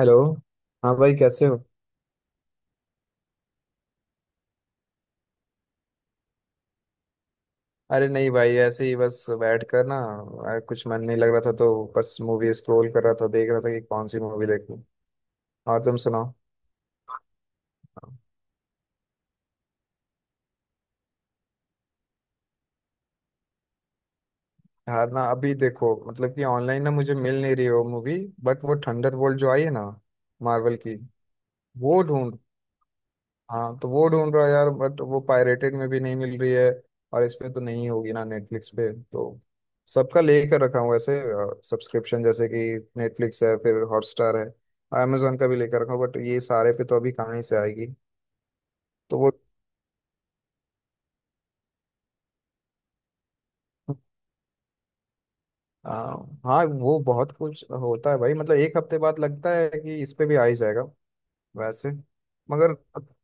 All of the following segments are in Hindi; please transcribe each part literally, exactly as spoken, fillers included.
हेलो। हाँ भाई, कैसे हो? अरे नहीं भाई, ऐसे ही बस बैठ कर ना। आ, कुछ मन नहीं लग रहा था तो। बस मूवी स्क्रॉल कर रहा था, देख रहा था कि कौन सी मूवी देखूं। और तुम सुनाओ। यार ना, अभी देखो मतलब कि ऑनलाइन ना, मुझे मिल नहीं रही हो मूवी। बट वो थंडरबोल्ट जो आई है ना। मार्वल की। वो ढूंढ। हाँ, तो वो ढूंढ रहा यार, बट वो पायरेटेड में भी नहीं मिल रही है। और इसमें तो नहीं होगी ना, नेटफ्लिक्स पे तो। सबका लेकर रखा हूँ ऐसे। सब्सक्रिप्शन जैसे कि। नेटफ्लिक्स है, फिर हॉटस्टार है। और Amazon का भी लेकर रखा हूँ, बट ये सारे पे तो अभी कहाँ ही से आएगी। तो वो। आ, हाँ वो बहुत कुछ होता है भाई, मतलब एक हफ्ते बाद लगता है कि इस पे भी आ ही जाएगा। वैसे। मगर।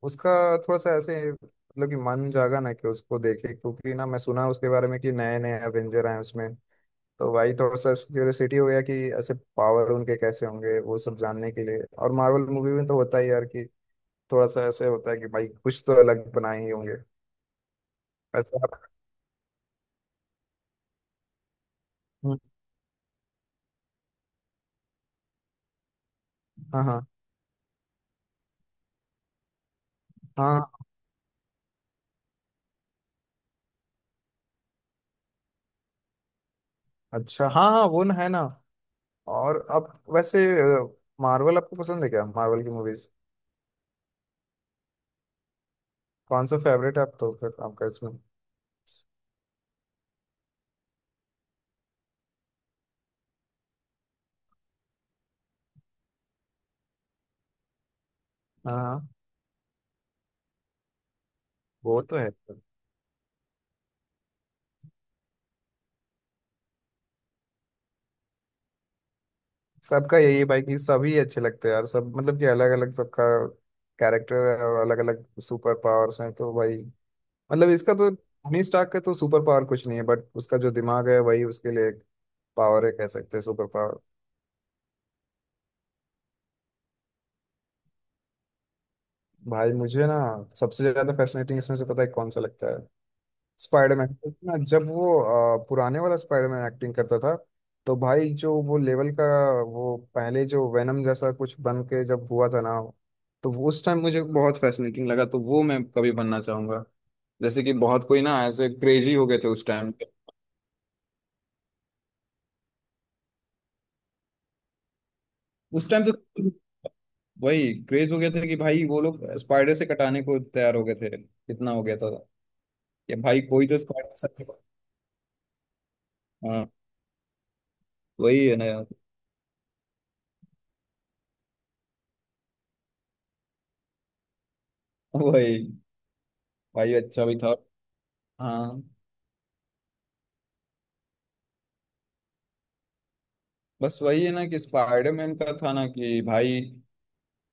उसका। थोड़ा सा ऐसे मतलब कि मन जागा ना कि उसको देखे, क्योंकि ना मैं सुना उसके बारे में कि नए नए एवेंजर आए हैं उसमें। तो भाई थोड़ा सा क्यूरियोसिटी हो गया कि। ऐसे पावर उनके कैसे होंगे वो सब जानने के लिए, और मार्वल मूवी में तो होता ही यार कि। थोड़ा सा ऐसे होता है कि भाई कुछ तो अलग बनाए ही होंगे। वैसे आप। हम्म। हाँ हाँ। हाँ। अच्छा, हाँ हाँ, वो ना है ना। और अब वैसे। मार्वल आपको पसंद है क्या, मार्वल की मूवीज? कौन सा फेवरेट है आप तो फिर आपका इसमें? हाँ हाँ। वो तो है। सबका यही है भाई कि सभी अच्छे लगते हैं यार सब, मतलब कि अलग अलग सबका। कैरेक्टर है और अलग अलग सुपर पावर्स हैं तो भाई। मतलब इसका तो टोनी स्टार्क का तो सुपर पावर कुछ नहीं है, बट उसका जो दिमाग है वही उसके लिए एक। पावर है, कह सकते हैं सुपर पावर। भाई मुझे ना। सबसे ज्यादा फैसिनेटिंग इसमें से पता है कौन सा लगता है? स्पाइडरमैन। ना जब वो। अ, पुराने वाला स्पाइडरमैन एक्टिंग करता था। तो भाई जो वो लेवल का। वो पहले जो वेनम जैसा कुछ बन के जब हुआ था ना। तो वो उस टाइम मुझे बहुत फैसिनेटिंग लगा, तो वो मैं कभी बनना चाहूंगा। जैसे कि बहुत कोई ना ऐसे क्रेजी हो गए थे उस टाइम पे। उस टाइम तो। वही क्रेज हो गया था कि भाई वो लोग स्पाइडर से कटाने को तैयार हो गए थे, कितना हो गया था। कि भाई कोई तो स्पाइडर से। हाँ, वही है ना यार। वही। भाई अच्छा भी था। हाँ। बस वही है ना कि स्पाइडरमैन का था ना कि भाई।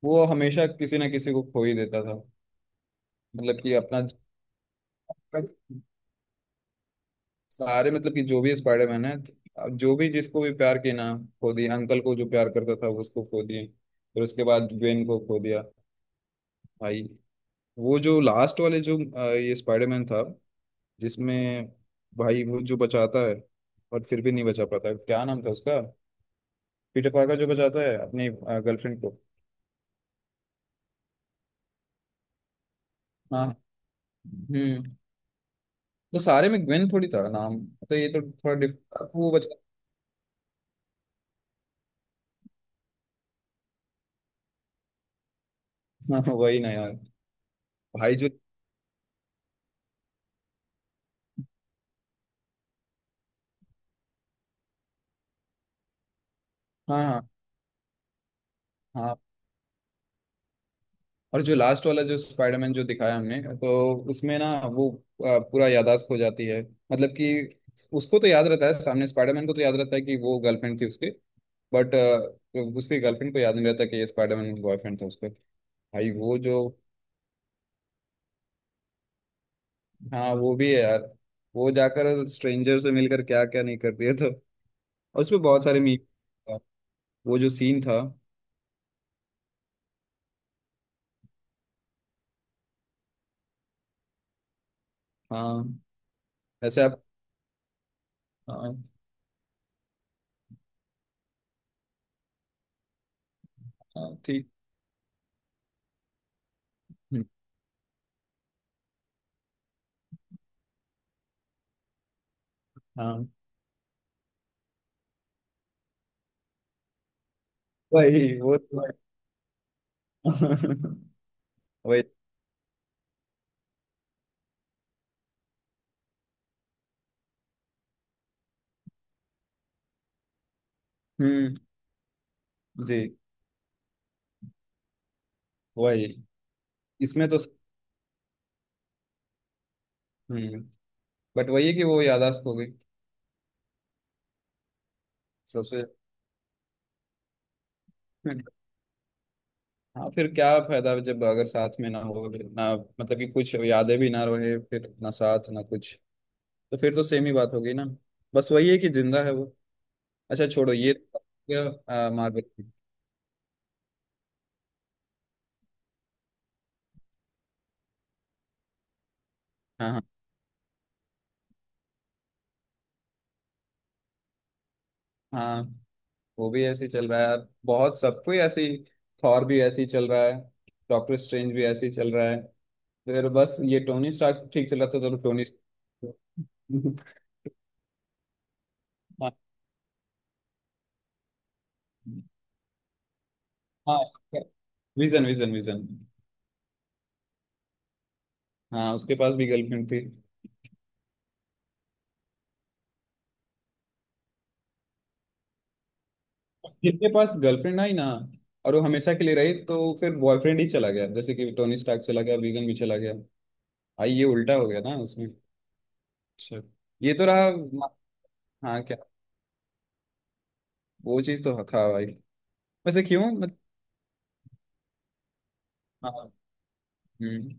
वो हमेशा किसी ना किसी को खो ही देता था। मतलब कि अपना। सारे मतलब कि जो भी स्पाइडरमैन है। जो भी जिसको भी प्यार किया ना। खो दिया, अंकल को जो प्यार करता था उसको खो दिए। फिर उसके बाद ग्वेन को खो दिया। भाई। वो जो लास्ट वाले जो अ, ये स्पाइडरमैन था। जिसमें। भाई वो जो बचाता है। और फिर भी नहीं बचा पाता, क्या नाम था उसका? पीटर पार्कर जो बचाता है अपनी गर्लफ्रेंड को। हाँ। हम्म। तो सारे में ग्वेन थोड़ी था नाम। तो ये तो थोड़ा डिफ। वो बचा। हाँ वही ना यार। भाई जो। हाँ, हाँ, हाँ। और जो लास्ट वाला जो स्पाइडरमैन जो दिखाया हमने, तो उसमें ना। वो। अ, पूरा याददाश्त हो जाती है। मतलब कि। उसको तो याद रहता है, सामने स्पाइडरमैन को तो याद रहता है कि वो गर्लफ्रेंड थी उसकी। बट। उसकी गर्लफ्रेंड को याद नहीं रहता कि ये स्पाइडरमैन का बॉयफ्रेंड था उसका। भाई वो जो। हाँ, वो भी है यार। वो जाकर स्ट्रेंजर से मिलकर क्या क्या नहीं कर दिया था। और उसमें बहुत सारे मी। वो जो सीन था। हाँ। वैसे आप। हाँ हाँ। ठीक। हम्म। हाँ। वही वो तो है। वही। हम्म। जी। वही। इसमें तो। हम्म। बट वही है कि वो याददाश्त हो गई। सबसे। हाँ, फिर क्या फायदा जब अगर साथ में ना हो ना, मतलब कि कुछ यादें भी ना रहे, फिर ना साथ ना कुछ। तो फिर तो सेम ही बात होगी ना। बस वही है कि जिंदा है वो। अच्छा छोड़ो, ये क्या मार्वल। हाँ हाँ। हाँ। वो भी ऐसे ही चल रहा है यार, बहुत सबको ही ऐसे ही। थॉर भी ऐसे ही चल रहा है। डॉक्टर स्ट्रेंज भी ऐसे ही चल रहा है। फिर बस ये टोनी स्टार्क ठीक चला था तो टोनी। हाँ। हाँ। Vision, Vision, Vision. हाँ, उसके पास भी गर्लफ्रेंड थी। जिनके पास गर्लफ्रेंड आई ना। और वो हमेशा के लिए रही तो फिर बॉयफ्रेंड ही चला गया, जैसे कि टोनी स्टार्क चला गया, विजन भी चला गया। आई, ये उल्टा हो गया ना उसमें। अच्छा। ये तो रहा म-। हाँ क्या? वो चीज तो था भाई। वैसे क्यों मत। हाँ। हम्म।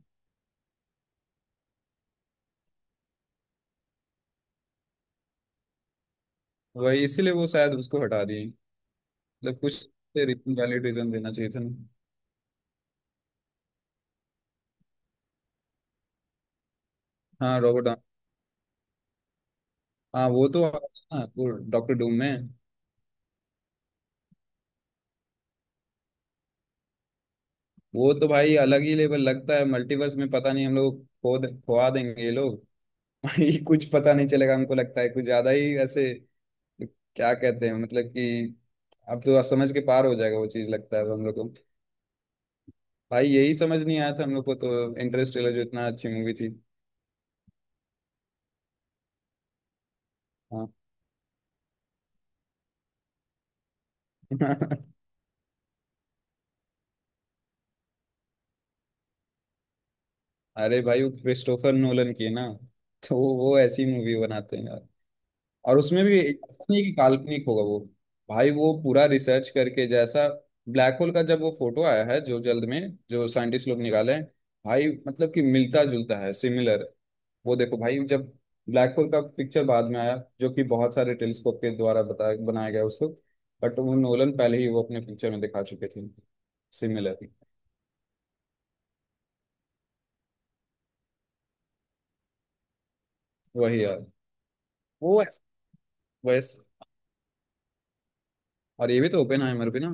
वही, इसीलिए वो शायद उसको हटा दिए। मतलब कुछ। वैलिड रीजन देना चाहिए था ना। हाँ रॉबर्ट। हाँ वो तो, हाँ वो डॉक्टर डूम में। वो तो भाई अलग ही लेवल लगता है मल्टीवर्स में, पता नहीं हम लोग खो दे- खोआ देंगे ये लोग। ये कुछ पता नहीं चलेगा हमको, लगता है कुछ ज्यादा ही ऐसे। क्या कहते हैं मतलब कि। अब तो समझ के पार हो जाएगा वो चीज, लगता है अब हम लोग को। भाई यही समझ नहीं आया था हम लोग को तो, इंटरस्टेलर जो इतना अच्छी मूवी थी। हाँ। अरे भाई वो क्रिस्टोफर नोलन की है ना। तो वो ऐसी मूवी बनाते हैं यार। और उसमें भी ऐसा नहीं कि काल्पनिक होगा वो। भाई वो पूरा रिसर्च करके जैसा। ब्लैक होल का जब वो फोटो आया है जो जल्द में। जो साइंटिस्ट लोग निकाले हैं। भाई मतलब कि मिलता जुलता है सिमिलर। वो देखो भाई जब। ब्लैक होल का पिक्चर बाद में आया, जो कि बहुत सारे टेलीस्कोप के द्वारा बताया बनाया गया उसको। बट वो नोलन पहले ही वो अपने पिक्चर में दिखा चुके थे। सिमिलर। वही यार। वो। वैस। और ये भी तो ओपेनहाइमर भी ना।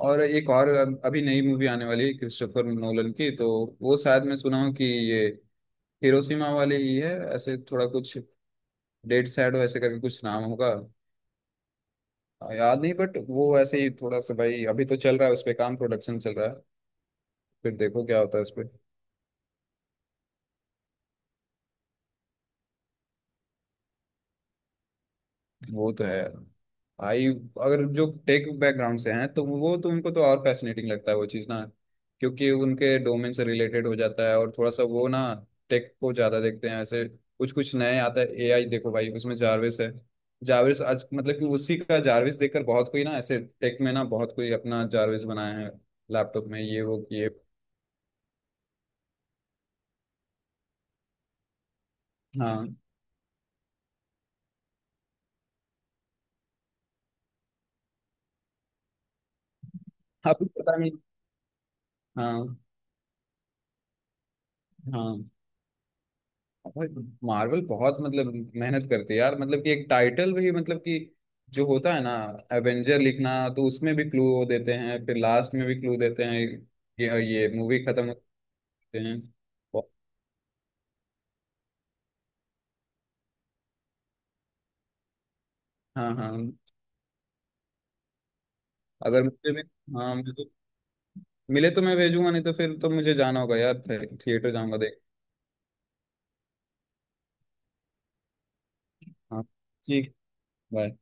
और एक और अब- अभी नई मूवी आने वाली है क्रिस्टोफर नोलन की तो। वो शायद मैं सुना हूँ कि ये। हिरोशिमा वाले ही है, ऐसे थोड़ा कुछ। डेड सैड ऐसे करके कुछ नाम होगा। याद नहीं, बट वो ऐसे ही थोड़ा सा भाई, अभी तो चल रहा है उस पे काम, प्रोडक्शन चल रहा है। फिर देखो क्या होता है उस पे। वो तो है। आई। अगर जो टेक बैकग्राउंड से हैं तो वो तो उनको तो और फैसिनेटिंग लगता है वो चीज़ ना। क्योंकि उनके डोमेन से रिलेटेड हो जाता है, और थोड़ा सा वो ना। टेक को ज़्यादा देखते हैं ऐसे। कुछ कुछ नए आता है, ए आई देखो भाई उसमें जारविस है। जारविस आज मतलब कि उसी का जारविस देखकर बहुत कोई ना ऐसे टेक में ना, बहुत कोई अपना जारविस बनाया है। लैपटॉप में ये वो किए। हाँ। अभी पता नहीं। हाँ। हाँ। भाई। मार्वल बहुत मतलब मेहनत करती है यार, मतलब कि एक टाइटल भी मतलब कि। जो होता है ना। एवेंजर लिखना। तो उसमें भी क्लू। देते हैं, फिर लास्ट में भी क्लू देते हैं। ये ये मूवी खत्म होते। हैं। बहुत-। हाँ हाँ। अगर मुझे भी। हाँ मुझे तो। मिले तो मैं भेजूंगा, नहीं तो फिर तो मुझे जाना होगा यार, थिएटर जाऊंगा देख। हाँ। ठीक। बाय।